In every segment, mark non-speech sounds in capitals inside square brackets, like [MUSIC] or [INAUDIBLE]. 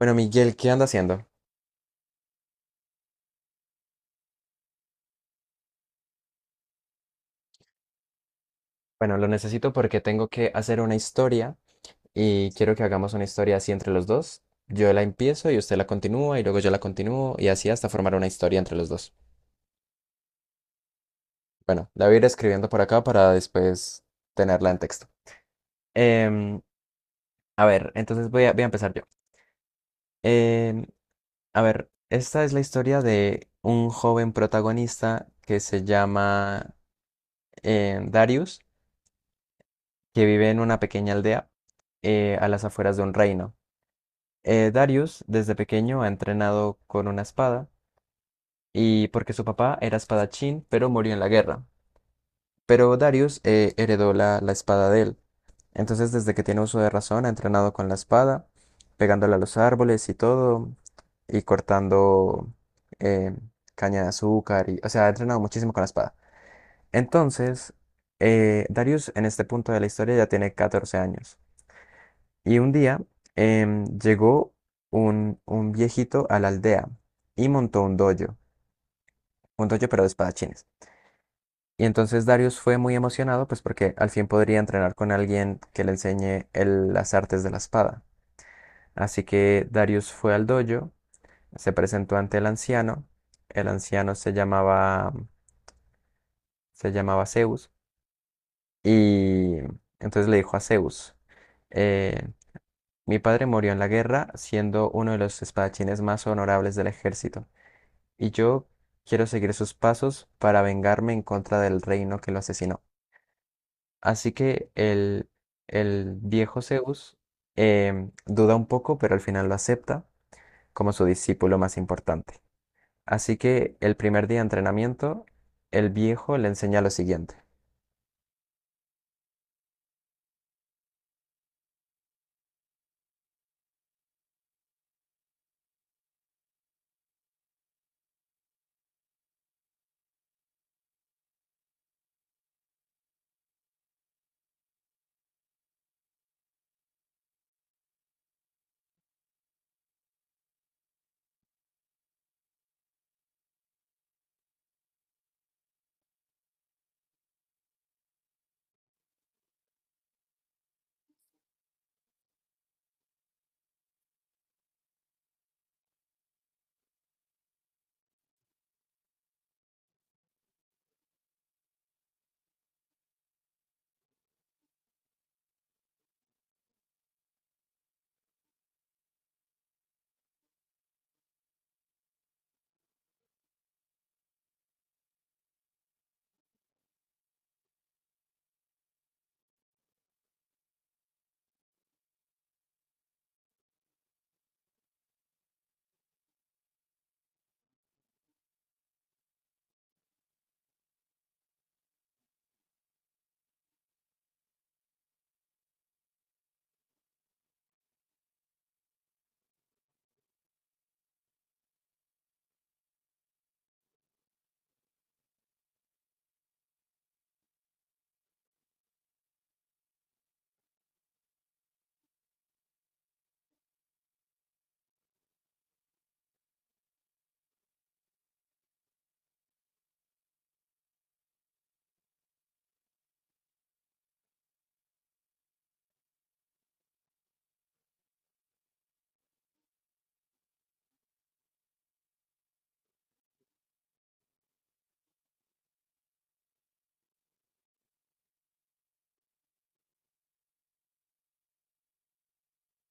Bueno, Miguel, ¿qué anda haciendo? Bueno, lo necesito porque tengo que hacer una historia y quiero que hagamos una historia así entre los dos. Yo la empiezo y usted la continúa, y luego yo la continúo, y así hasta formar una historia entre los dos. Bueno, la voy a ir escribiendo por acá para después tenerla en texto. Em, a ver, entonces voy a empezar yo. Em, a ver, esta es la historia de un joven protagonista que se llama Darius, que vive en una pequeña aldea, a las afueras de un reino. Darius desde pequeño ha entrenado con una espada, y porque su papá era espadachín, pero murió en la guerra. Pero Darius heredó la espada de él. Entonces, desde que tiene uso de razón, ha entrenado con la espada, pegándola a los árboles y todo, y cortando eh, caña de azúcar. Y, o sea, ha entrenado muchísimo con la espada. Entonces, Darius en este punto de la historia ya tiene 14 años. Y un día llegó un viejito a la aldea y montó un dojo pero de espadachines. Y entonces Darius fue muy emocionado, pues porque al fin podría entrenar con alguien que le enseñe las artes de la espada. Así que Darius fue al dojo, se presentó ante el anciano. El anciano se llamaba Zeus. Y entonces le dijo a Zeus, eh, mi padre murió en la guerra siendo uno de los espadachines más honorables del ejército. Y yo quiero seguir sus pasos para vengarme en contra del reino que lo asesinó. Así que el viejo Zeus duda un poco, pero al final lo acepta como su discípulo más importante. Así que el primer día de entrenamiento, el viejo le enseña lo siguiente.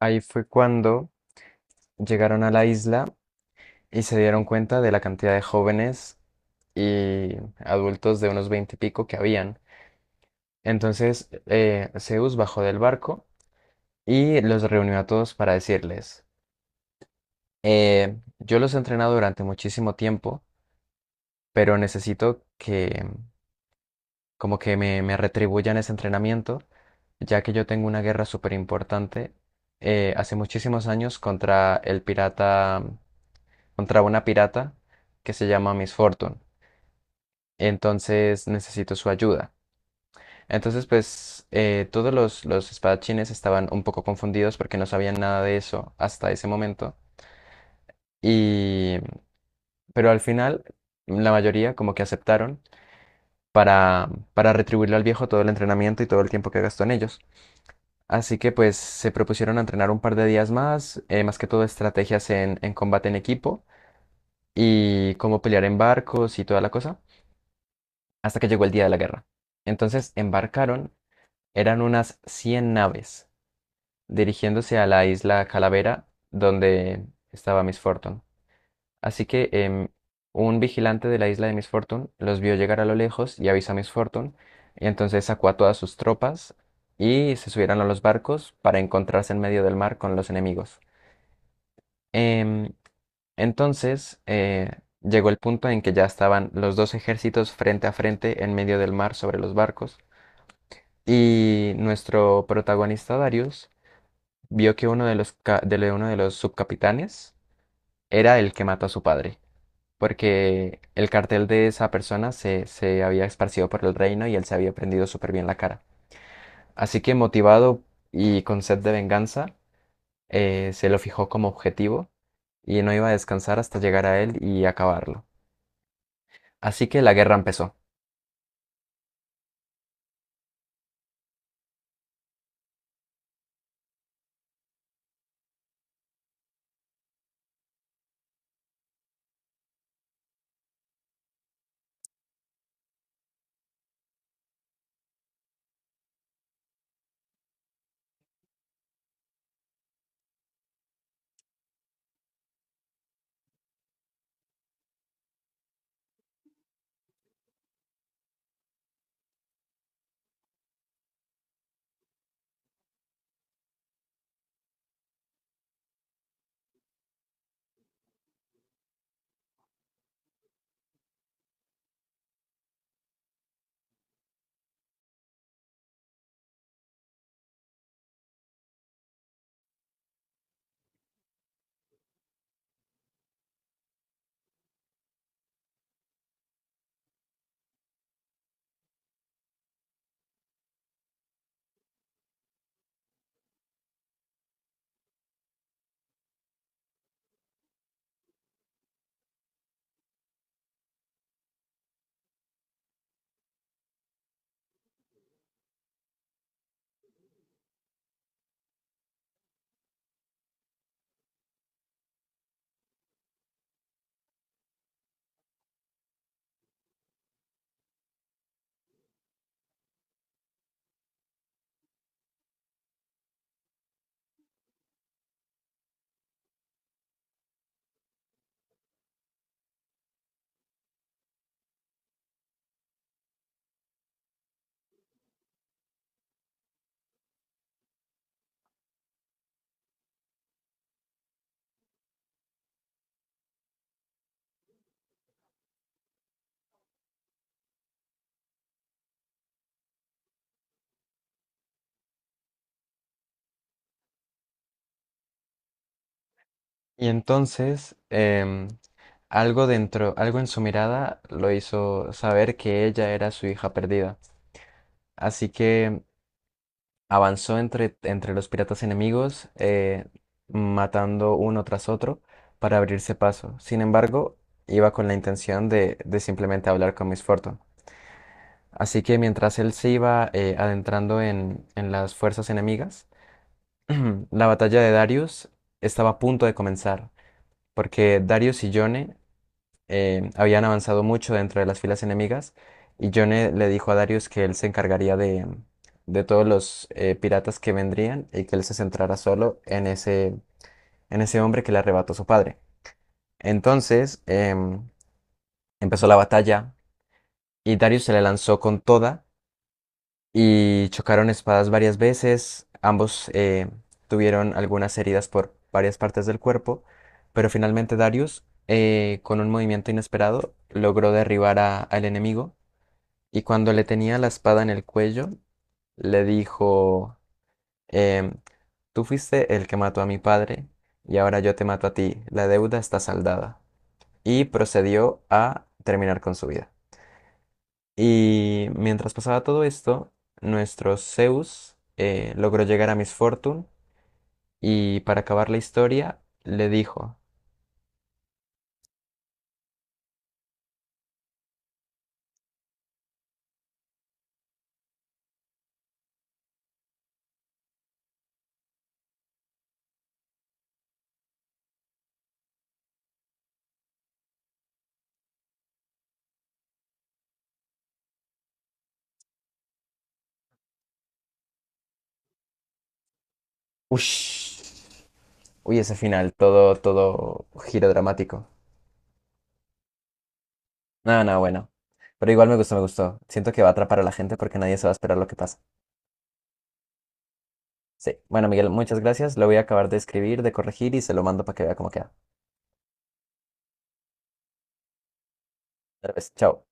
Ahí fue cuando llegaron a la isla y se dieron cuenta de la cantidad de jóvenes y adultos de unos veinte y pico que habían. Entonces Zeus bajó del barco y los reunió a todos para decirles, yo los he entrenado durante muchísimo tiempo, pero necesito que como que me retribuyan ese entrenamiento, ya que yo tengo una guerra súper importante hace muchísimos años contra contra una pirata que se llama Miss Fortune. Entonces necesito su ayuda. Entonces, pues todos los espadachines estaban un poco confundidos porque no sabían nada de eso hasta ese momento. Y, pero al final, la mayoría como que aceptaron para retribuirle al viejo todo el entrenamiento y todo el tiempo que gastó en ellos. Así que pues se propusieron a entrenar un par de días más, más que todo estrategias en combate en equipo y cómo pelear en barcos y toda la cosa, hasta que llegó el día de la guerra. Entonces embarcaron. Eran unas 100 naves, dirigiéndose a la isla Calavera, donde estaba Miss Fortune. Así que un vigilante de la isla de Miss Fortune los vio llegar a lo lejos y avisó a Miss Fortune, y entonces sacó a todas sus tropas y se subieron a los barcos para encontrarse en medio del mar con los enemigos. Em, entonces llegó el punto en que ya estaban los dos ejércitos frente a frente en medio del mar sobre los barcos, y nuestro protagonista Darius vio que uno de de uno de los subcapitanes era el que mató a su padre, porque el cartel de esa persona se había esparcido por el reino y él se había prendido súper bien la cara. Así que motivado y con sed de venganza, se lo fijó como objetivo y no iba a descansar hasta llegar a él y acabarlo. Así que la guerra empezó. Y entonces, algo en su mirada lo hizo saber que ella era su hija perdida. Así que avanzó entre los piratas enemigos, matando uno tras otro para abrirse paso. Sin embargo, iba con la intención de simplemente hablar con Miss Fortune. Así que mientras él se iba adentrando en las fuerzas enemigas, [CLEARS THROAT] la batalla de Darius estaba a punto de comenzar, porque Darius y Yone habían avanzado mucho dentro de las filas enemigas y Yone le dijo a Darius que él se encargaría de todos los piratas que vendrían, y que él se centrara solo en en ese hombre que le arrebató su padre. Entonces empezó la batalla y Darius se le lanzó con toda y chocaron espadas varias veces. Ambos tuvieron algunas heridas por varias partes del cuerpo, pero finalmente Darius, con un movimiento inesperado, logró derribar al enemigo. Y cuando le tenía la espada en el cuello, le dijo, em, tú fuiste el que mató a mi padre y ahora yo te mato a ti, la deuda está saldada. Y procedió a terminar con su vida. Y mientras pasaba todo esto, nuestro Zeus logró llegar a Miss Fortune y para acabar la historia le dijo, ush, uy, ese final, todo, todo giro dramático. No, no, bueno. Pero igual me gustó, me gustó. Siento que va a atrapar a la gente porque nadie se va a esperar lo que pasa. Sí. Bueno, Miguel, muchas gracias. Lo voy a acabar de escribir, de corregir y se lo mando para que vea cómo queda. Tal vez. Chao.